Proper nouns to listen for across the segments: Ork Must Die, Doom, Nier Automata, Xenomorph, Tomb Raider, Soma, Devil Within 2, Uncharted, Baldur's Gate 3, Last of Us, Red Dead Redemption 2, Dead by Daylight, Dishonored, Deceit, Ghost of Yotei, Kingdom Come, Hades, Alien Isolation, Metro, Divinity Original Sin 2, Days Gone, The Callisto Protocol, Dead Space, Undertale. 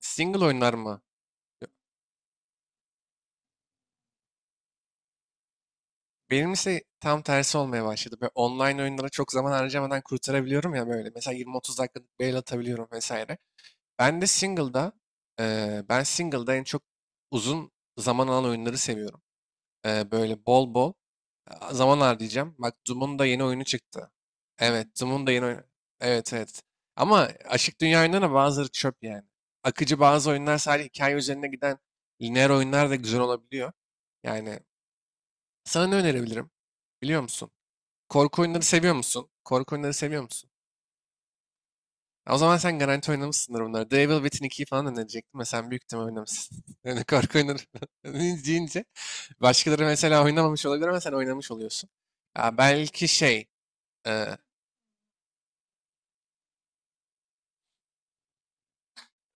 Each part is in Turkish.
Single oyunlar mı? Benim ise tam tersi olmaya başladı. Böyle online oyunlara çok zaman harcamadan kurtarabiliyorum ya böyle. Mesela 20-30 dakikalık bail atabiliyorum vesaire. Ben de single'da, Ben single'da en çok uzun zaman alan oyunları seviyorum. Böyle bol bol zaman harcayacağım. Bak Doom'un da yeni oyunu çıktı. Evet, Doom'un da yeni oyunu. Evet, evet. Ama açık dünya oyunlarına bazıları çöp yani. Akıcı bazı oyunlar sadece hikaye üzerine giden lineer oyunlar da güzel olabiliyor. Yani sana ne önerebilirim? Biliyor musun? Korku oyunları seviyor musun? Korku oyunları seviyor musun? Ya o zaman sen garanti oynamışsındır bunları. Devil Within 2'yi falan önerecektim ve sen büyük ihtimal oynamışsın. Yani korku oyunları deyince başkaları mesela oynamamış olabilir ama sen oynamış oluyorsun. Ya belki şey e,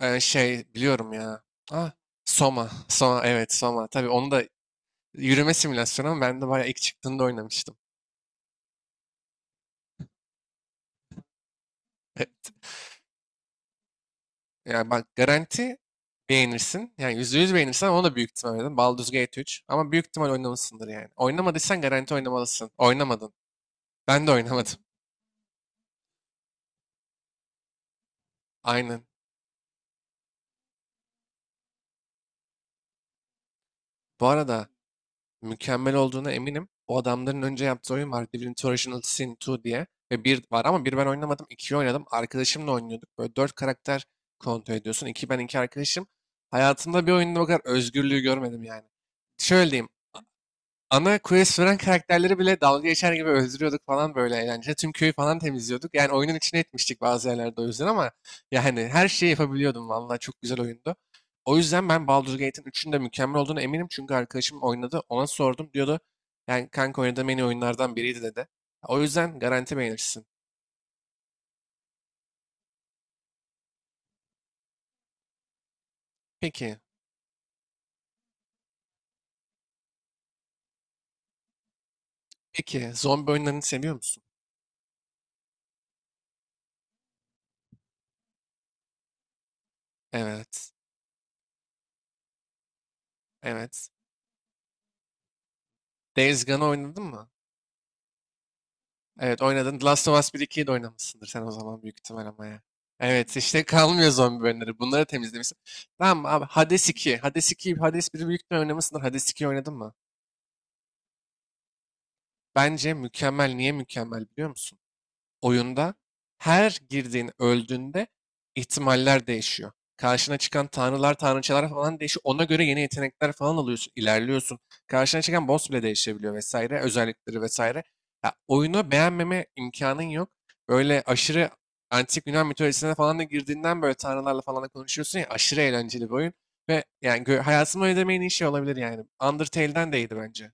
şey biliyorum ya. Ah, Soma. Soma evet Soma. Tabii onu da yürüme simülasyonu ama ben de bayağı ilk çıktığında oynamıştım. Yani bak garanti beğenirsin. Yani %100 beğenirsen onu da büyük ihtimal oynadın. Baldur's Gate 3. Ama büyük ihtimal oynamışsındır yani. Oynamadıysan garanti oynamalısın. Oynamadın. Ben de oynamadım. Aynen. Bu arada mükemmel olduğuna eminim. O adamların önce yaptığı oyun var. Divinity Original Sin 2 diye. Ve bir var ama bir ben oynamadım. 2'yi oynadım. Arkadaşımla oynuyorduk. Böyle dört karakter kontrol ediyorsun. İki ben iki arkadaşım. Hayatımda bir oyunda bu kadar özgürlüğü görmedim yani. Şöyle diyeyim. Ana quest veren karakterleri bile dalga geçer gibi öldürüyorduk falan böyle eğlence. Tüm köyü falan temizliyorduk. Yani oyunun içine etmiştik bazı yerlerde o yüzden ama yani her şeyi yapabiliyordum vallahi çok güzel oyundu. O yüzden ben Baldur's Gate'in 3'ün de mükemmel olduğunu eminim çünkü arkadaşım oynadı ona sordum diyordu. Yani kanka oynadığım en iyi oyunlardan biriydi dedi. O yüzden garanti beğenirsin. Peki, peki zombi oyunlarını seviyor musun? Evet, evet. Days Gone'ı oynadın mı? Evet oynadın. Last of Us bir ikiyi de oynamışsındır sen o zaman büyük ihtimal ama ya. Evet işte kalmıyor zombi bölümleri. Bunları temizlemişsin. Tamam abi Hades iki Hades iki Hades biri büyük ihtimal oynamışsındır. Hades ikiyi oynadın mı? Bence mükemmel. Niye mükemmel biliyor musun? Oyunda her girdiğin öldüğünde ihtimaller değişiyor. Karşına çıkan tanrılar, tanrıçalar falan değişiyor. Ona göre yeni yetenekler falan alıyorsun, ilerliyorsun. Karşına çıkan boss bile değişebiliyor vesaire, özellikleri vesaire. Ya, oyunu beğenmeme imkanın yok. Böyle aşırı antik Yunan mitolojisine falan da girdiğinden böyle tanrılarla falan da konuşuyorsun ya aşırı eğlenceli bir oyun. Ve yani hayatımı ödemeyin iyi şey olabilir yani. Undertale'den de iyiydi bence.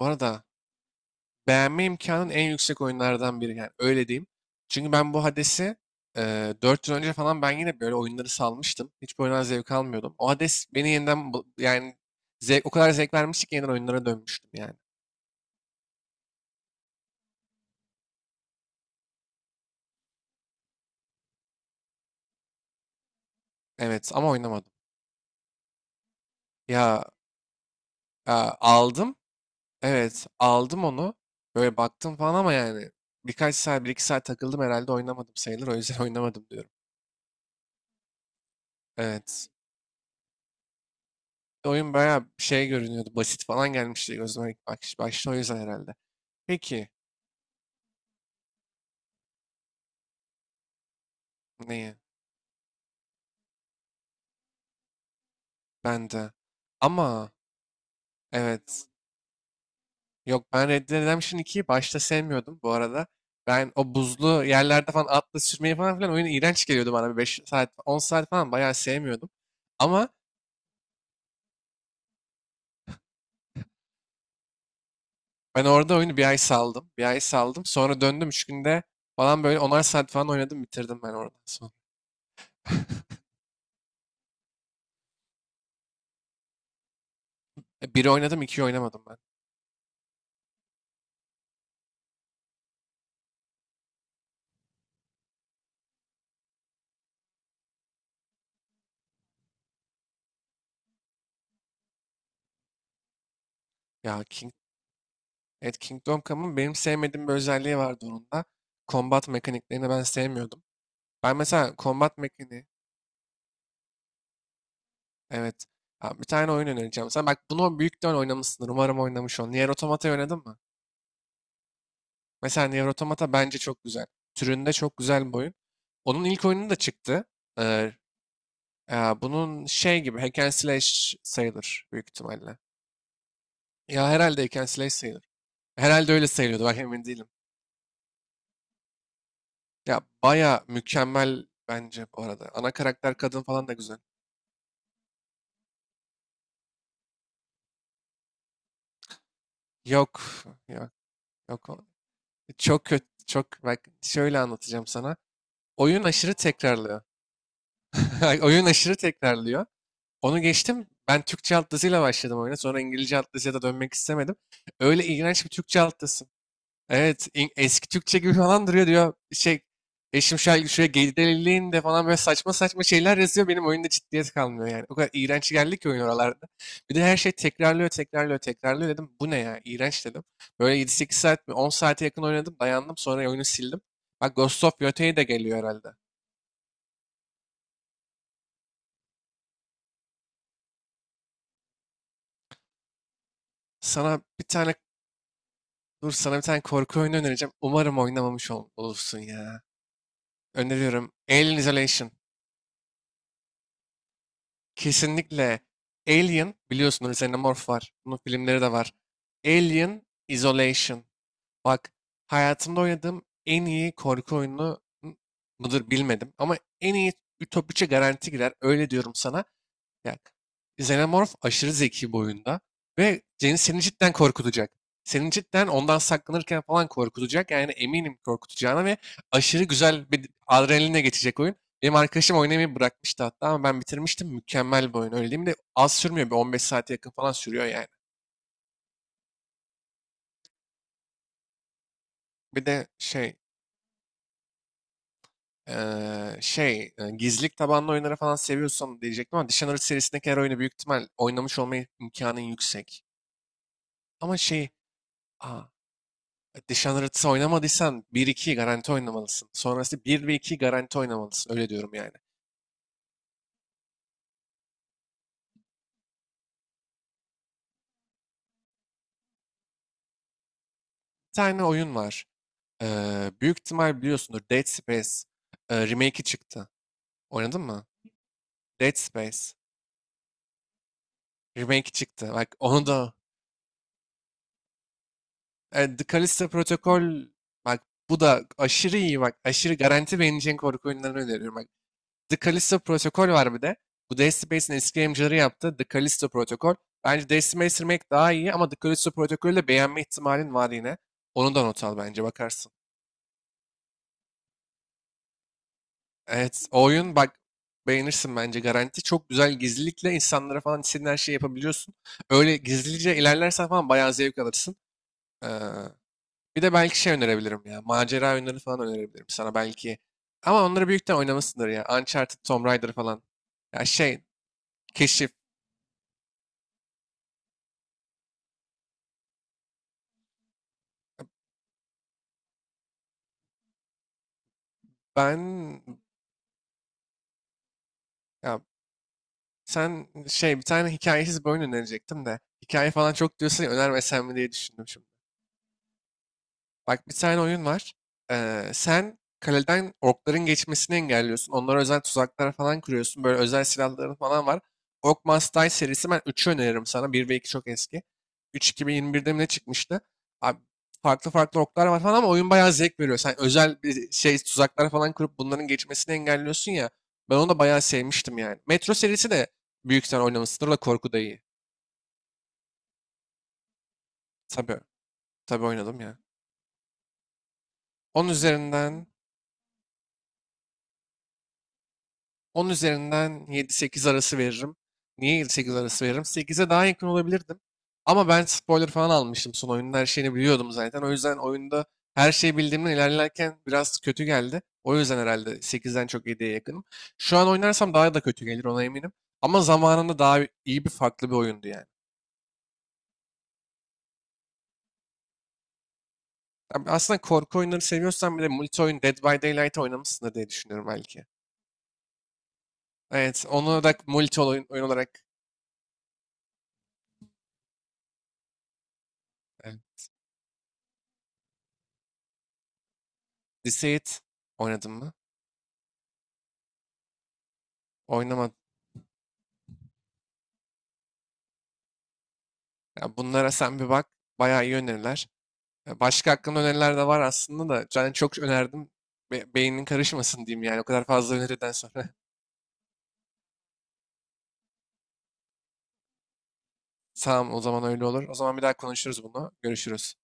Bu arada beğenme imkanın en yüksek oyunlardan biri. Yani öyle diyeyim. Çünkü ben bu Hades'i 4 yıl önce falan ben yine böyle oyunları salmıştım. Hiç bu oyundan zevk almıyordum. O Hades beni yeniden yani o kadar zevk vermişti ki yeniden oyunlara dönmüştüm yani. Evet ama oynamadım. Ya e, aldım. Evet aldım onu. Böyle baktım falan ama yani birkaç saat, bir iki saat takıldım herhalde oynamadım sayılır. O yüzden oynamadım diyorum. Evet. Oyun bayağı şey görünüyordu. Basit falan gelmişti gözüme ilk başta o yüzden herhalde. Peki. Neyi? Ben de. Ama evet. Yok ben Red Dead Redemption 2'yi başta sevmiyordum bu arada. Ben o buzlu yerlerde falan atla sürmeyi falan filan oyun iğrenç geliyordu bana. 5 saat, 10 saat falan bayağı sevmiyordum. Ama ben orada oyunu bir ay saldım. Bir ay saldım. Sonra döndüm 3 günde falan böyle onar saat falan oynadım bitirdim ben oradan sonra. E, biri oynadım, ikiyi oynamadım ben. Ya evet, Kingdom Come'ın benim sevmediğim bir özelliği vardı onun da. Combat mekaniklerini ben sevmiyordum. Ben mesela combat mekaniği. Evet. Ya bir tane oyun önereceğim. Sen bak bunu büyükten oynamışsındır. Umarım oynamış ol. Nier Automata'yı oynadın mı? Mesela Nier Automata bence çok güzel. Türünde çok güzel bir oyun. Onun ilk oyunu da çıktı. Ee, Ya bunun şey gibi hack and slash sayılır büyük ihtimalle. Ya herhalde hack and slash sayılır. Herhalde öyle sayılıyordu. Bak emin değilim. Ya baya mükemmel bence bu arada. Ana karakter kadın falan da güzel. Yok. Yok. Yok. Çok kötü. Çok bak şöyle anlatacağım sana. Oyun aşırı tekrarlıyor. Oyun aşırı tekrarlıyor. Onu geçtim. Ben Türkçe alt yazıyla başladım oyuna. Sonra İngilizce alt yazıya da dönmek istemedim. Öyle iğrenç bir Türkçe alt yazı. Evet, eski Türkçe gibi falan duruyor diyor. Şey, eşim şöyle şuraya gerileyin de falan böyle saçma saçma şeyler yazıyor. Benim oyunda ciddiyet kalmıyor yani. O kadar iğrenç geldi ki oyun oralarda. Bir de her şey tekrarlıyor, tekrarlıyor, tekrarlıyor dedim. Bu ne ya? İğrenç dedim. Böyle 7-8 saat mi? 10 saate yakın oynadım. Dayandım. Sonra oyunu sildim. Bak Ghost of Yotei de geliyor herhalde. Sana bir tane Dur sana bir tane korku oyunu önereceğim. Umarım oynamamış olursun ya. Öneriyorum. Alien Isolation. Kesinlikle Alien biliyorsunuz üzerine morf var. Bunun filmleri de var. Alien Isolation. Bak hayatımda oynadığım en iyi korku oyunu mıdır bilmedim. Ama en iyi ütopikçe garanti girer. Öyle diyorum sana. Yani Xenomorph aşırı zeki bu oyunda ve seni cidden korkutacak. Seni cidden ondan saklanırken falan korkutacak. Yani eminim korkutacağına ve aşırı güzel bir adrenaline geçecek oyun. Benim arkadaşım oynamayı bırakmıştı hatta ama ben bitirmiştim. Mükemmel bir oyun öyle diyeyim de az sürmüyor. Bir 15 saate yakın falan sürüyor yani. Bir de şey şey gizlilik tabanlı oyunları falan seviyorsan diyecektim ama Dishonored serisindeki her oyunu büyük ihtimal oynamış olma imkanın yüksek. Ama şey aa, Dishonored'ı oynamadıysan bir 2'yi garanti oynamalısın. Sonrası bir ve 2'yi garanti oynamalısın. Öyle diyorum yani. Bir tane oyun var. Büyük ihtimal biliyorsundur. Dead Space remake'i çıktı. Oynadın mı? Dead Space remake'i çıktı. Bak onu da The Callisto Protocol bak bu da aşırı iyi bak. Aşırı garanti beğeneceğin korku oyunlarını öneriyorum. Bak The Callisto Protokol var bir de. Bu Dead eski yapımcıları yaptı. The Callisto Protokol. Bence Dead Space Remake daha iyi ama The Callisto Protokol'ü de beğenme ihtimalin var yine. Onu da not al bence bakarsın. Evet o oyun bak beğenirsin bence garanti. Çok güzel gizlilikle insanlara falan istediğin her şeyi yapabiliyorsun. Öyle gizlice ilerlersen falan bayağı zevk alırsın. Ee, Bir de belki şey önerebilirim ya. Macera oyunları falan önerebilirim sana belki. Ama onları büyükten oynamışsındır ya. Uncharted, Tomb Raider falan. Ya şey, keşif. Ben Ya sen şey bir tane hikayesiz bir oyun önerecektim de hikaye falan çok diyorsun ya önermesem mi diye düşündüm şimdi. Bak bir tane oyun var. Sen kaleden orkların geçmesini engelliyorsun. Onlara özel tuzaklar falan kuruyorsun. Böyle özel silahların falan var. Ork Must Die serisi ben 3'ü öneririm sana. Bir ve 2 çok eski. 3 2021'de mi ne çıkmıştı? Abi, farklı farklı orklar var falan ama oyun bayağı zevk veriyor. Sen özel bir şey tuzaklar falan kurup bunların geçmesini engelliyorsun ya. Ben onu da bayağı sevmiştim yani. Metro serisi de büyük sen oynamışsındır da korku da iyi. Tabii, tabii oynadım ya. Onun üzerinden 10 üzerinden yedi sekiz arası veririm. Niye yedi sekiz arası veririm? Sekize daha yakın olabilirdim. Ama ben spoiler falan almıştım son oyunun her şeyini biliyordum zaten. O yüzden oyunda her şeyi bildiğimden ilerlerken biraz kötü geldi. O yüzden herhalde sekizden çok yediye yakınım. Şu an oynarsam daha da kötü gelir ona eminim. Ama zamanında daha iyi bir farklı bir oyundu yani. Yani aslında korku oyunları seviyorsan bile multi oyun Dead by Daylight oynamışsındır diye düşünüyorum belki. Evet, onu da multi oyun olarak e, Deceit oynadım mı? Oynamadım. Ya bunlara sen bir bak. Bayağı iyi öneriler. Ya başka hakkında öneriler de var aslında da. Yani çok önerdim. Beynin karışmasın diyeyim yani. O kadar fazla öneriden sonra. Tamam o zaman öyle olur. O zaman bir daha konuşuruz bunu. Görüşürüz.